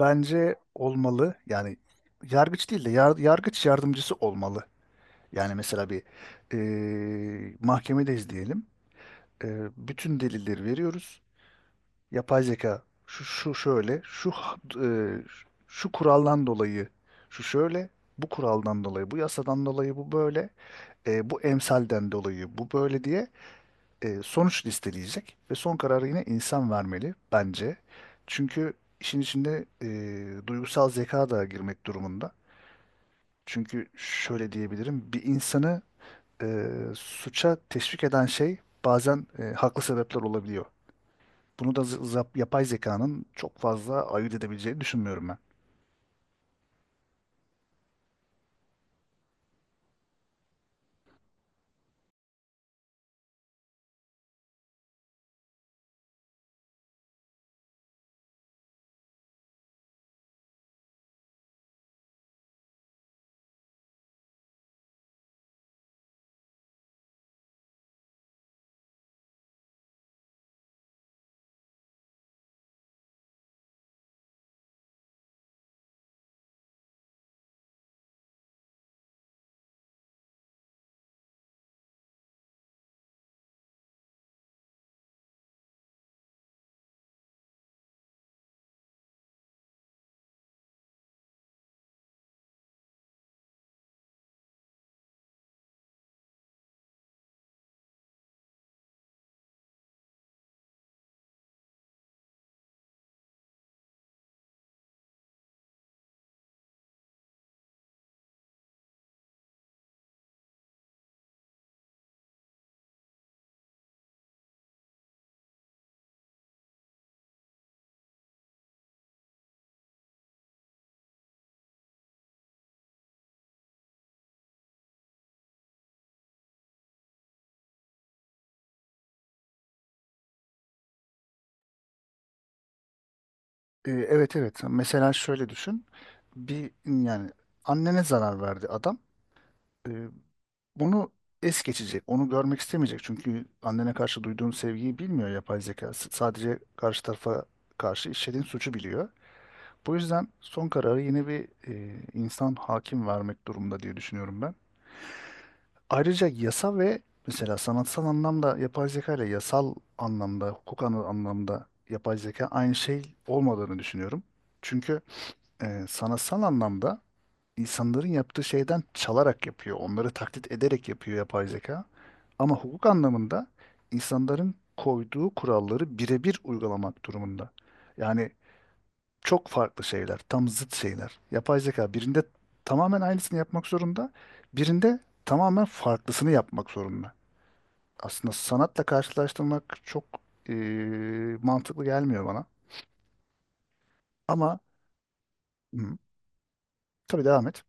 Bence olmalı. Yani yargıç değil de yargıç yardımcısı olmalı. Yani mesela bir mahkemedeyiz diyelim. Bütün delilleri veriyoruz. Yapay zeka şu, şu şöyle, şu kuraldan dolayı şu şöyle, bu kuraldan dolayı, bu yasadan dolayı bu böyle, bu emsalden dolayı bu böyle diye sonuç listeleyecek ve son kararı yine insan vermeli bence. Çünkü işin içinde duygusal zeka da girmek durumunda. Çünkü şöyle diyebilirim, bir insanı e, suça teşvik eden şey bazen haklı sebepler olabiliyor. Bunu da yapay zekanın çok fazla ayırt edebileceğini düşünmüyorum ben. Evet evet. Mesela şöyle düşün. Bir yani annene zarar verdi adam. E, Onu es geçecek. Onu görmek istemeyecek. Çünkü annene karşı duyduğun sevgiyi bilmiyor yapay zeka. Sadece karşı tarafa karşı işlediğin suçu biliyor. Bu yüzden son kararı yine bir insan hakim vermek durumunda diye düşünüyorum ben. Ayrıca yasa ve mesela sanatsal anlamda yapay zeka ile yasal anlamda, anlamda yapay zeka aynı şey olmadığını düşünüyorum. Çünkü sanatsal anlamda insanların yaptığı şeyden çalarak yapıyor. Onları taklit ederek yapıyor yapay zeka. Ama hukuk anlamında insanların koyduğu kuralları birebir uygulamak durumunda. Yani çok farklı şeyler, tam zıt şeyler. Yapay zeka birinde tamamen aynısını yapmak zorunda, birinde tamamen farklısını yapmak zorunda. Aslında sanatla karşılaştırmak çok e, mantıklı gelmiyor bana. Ama hı, tabii devam et.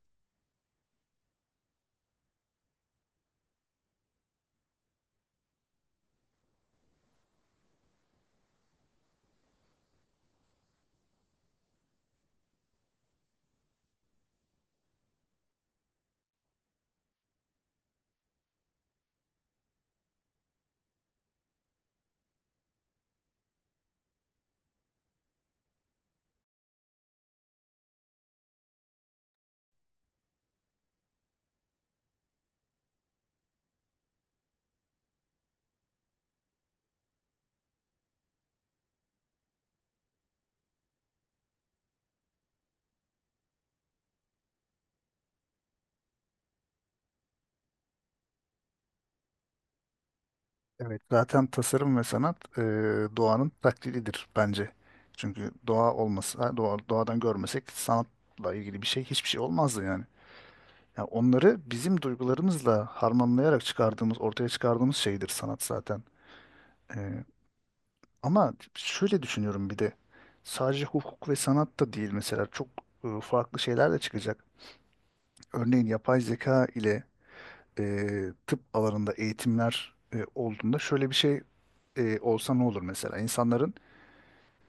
Evet, zaten tasarım ve sanat doğanın taklididir bence. Çünkü doğa olmasa, doğadan görmesek sanatla ilgili bir şey hiçbir şey olmazdı yani. Yani onları bizim duygularımızla harmanlayarak ortaya çıkardığımız şeydir sanat zaten. E, Ama şöyle düşünüyorum bir de sadece hukuk ve sanat da değil mesela çok farklı şeyler de çıkacak. Örneğin yapay zeka ile e, tıp alanında eğitimler olduğunda şöyle bir şey olsa ne olur mesela? İnsanların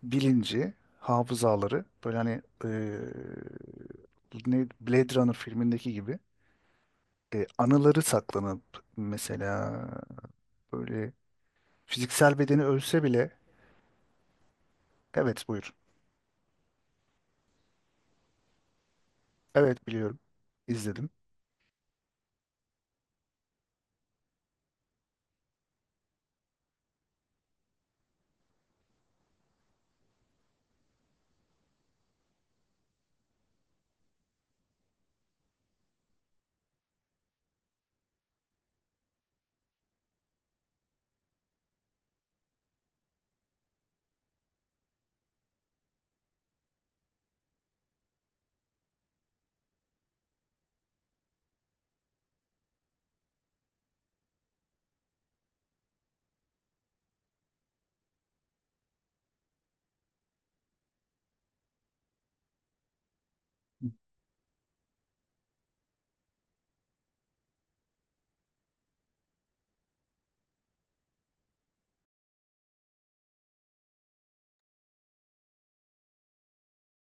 bilinci, hafızaları böyle hani ne Blade Runner filmindeki gibi anıları saklanıp mesela böyle fiziksel bedeni ölse bile evet buyur. Evet biliyorum. İzledim.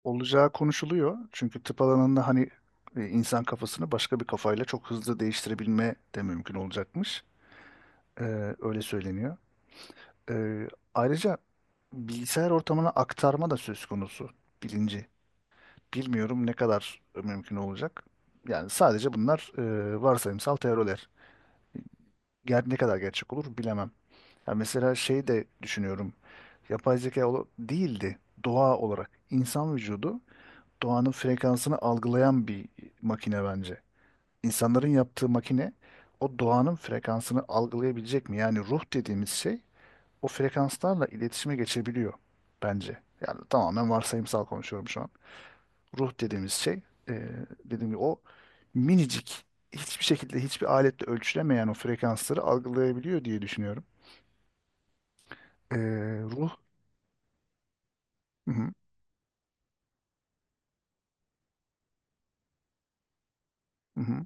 Olacağı konuşuluyor. Çünkü tıp alanında hani insan kafasını başka bir kafayla çok hızlı değiştirebilme de mümkün olacakmış. Öyle söyleniyor. Ee, Ayrıca bilgisayar ortamına aktarma da söz konusu bilinci. Bilmiyorum ne kadar mümkün olacak. Yani sadece bunlar varsayımsal teoriler. Ne kadar gerçek olur bilemem. Ya mesela şey de düşünüyorum. Yapay zeka değildi. Doğa olarak insan vücudu doğanın frekansını algılayan bir makine bence. İnsanların yaptığı makine o doğanın frekansını algılayabilecek mi? Yani ruh dediğimiz şey o frekanslarla iletişime geçebiliyor bence. Yani tamamen varsayımsal konuşuyorum şu an. Ruh dediğimiz şey dediğim gibi o minicik hiçbir şekilde hiçbir aletle ölçülemeyen o frekansları algılayabiliyor diye düşünüyorum. Ee, Ruh. Hı hı, hı hı.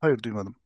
Hayır duymadım.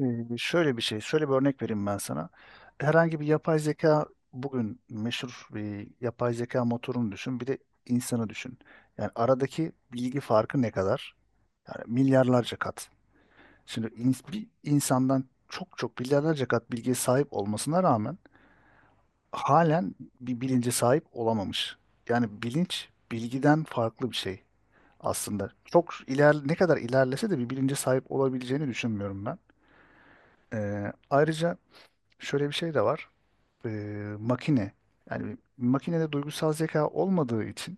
Ee, Şöyle bir şey, şöyle bir örnek vereyim ben sana. Herhangi bir yapay zeka bugün meşhur bir yapay zeka motorunu düşün, bir de insanı düşün. Yani aradaki bilgi farkı ne kadar? Yani milyarlarca kat. Şimdi bir insandan çok çok milyarlarca kat bilgiye sahip olmasına rağmen halen bir bilince sahip olamamış. Yani bilinç bilgiden farklı bir şey aslında. Çok iler Ne kadar ilerlese de bir bilince sahip olabileceğini düşünmüyorum ben. Ayrıca şöyle bir şey de var. Makine yani makinede duygusal zeka olmadığı için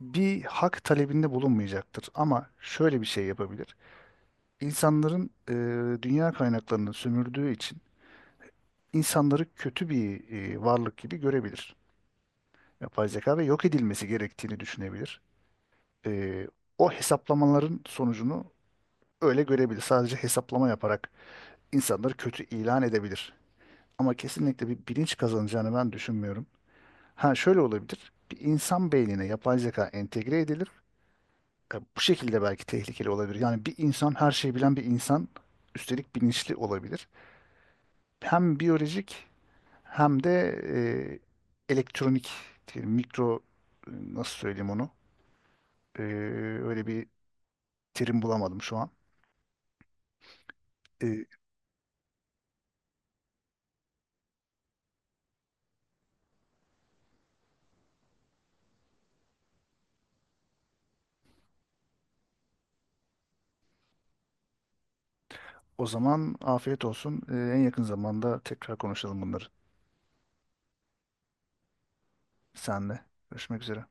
bir hak talebinde bulunmayacaktır. Ama şöyle bir şey yapabilir. İnsanların dünya kaynaklarını sömürdüğü için insanları kötü bir varlık gibi görebilir. Yapay zeka ve yok edilmesi gerektiğini düşünebilir. Ee, O hesaplamaların sonucunu öyle görebilir. Sadece hesaplama yaparak insanları kötü ilan edebilir. Ama kesinlikle bir bilinç kazanacağını ben düşünmüyorum. Ha şöyle olabilir. Bir insan beynine yapay zeka entegre edilir. Bu şekilde belki tehlikeli olabilir. Yani bir insan her şeyi bilen bir insan üstelik bilinçli olabilir. Hem biyolojik hem de elektronik, diyelim, mikro nasıl söyleyeyim onu? Ee, Öyle bir terim bulamadım şu an. E, O zaman afiyet olsun. E, en yakın zamanda tekrar konuşalım bunları senle. Görüşmek üzere.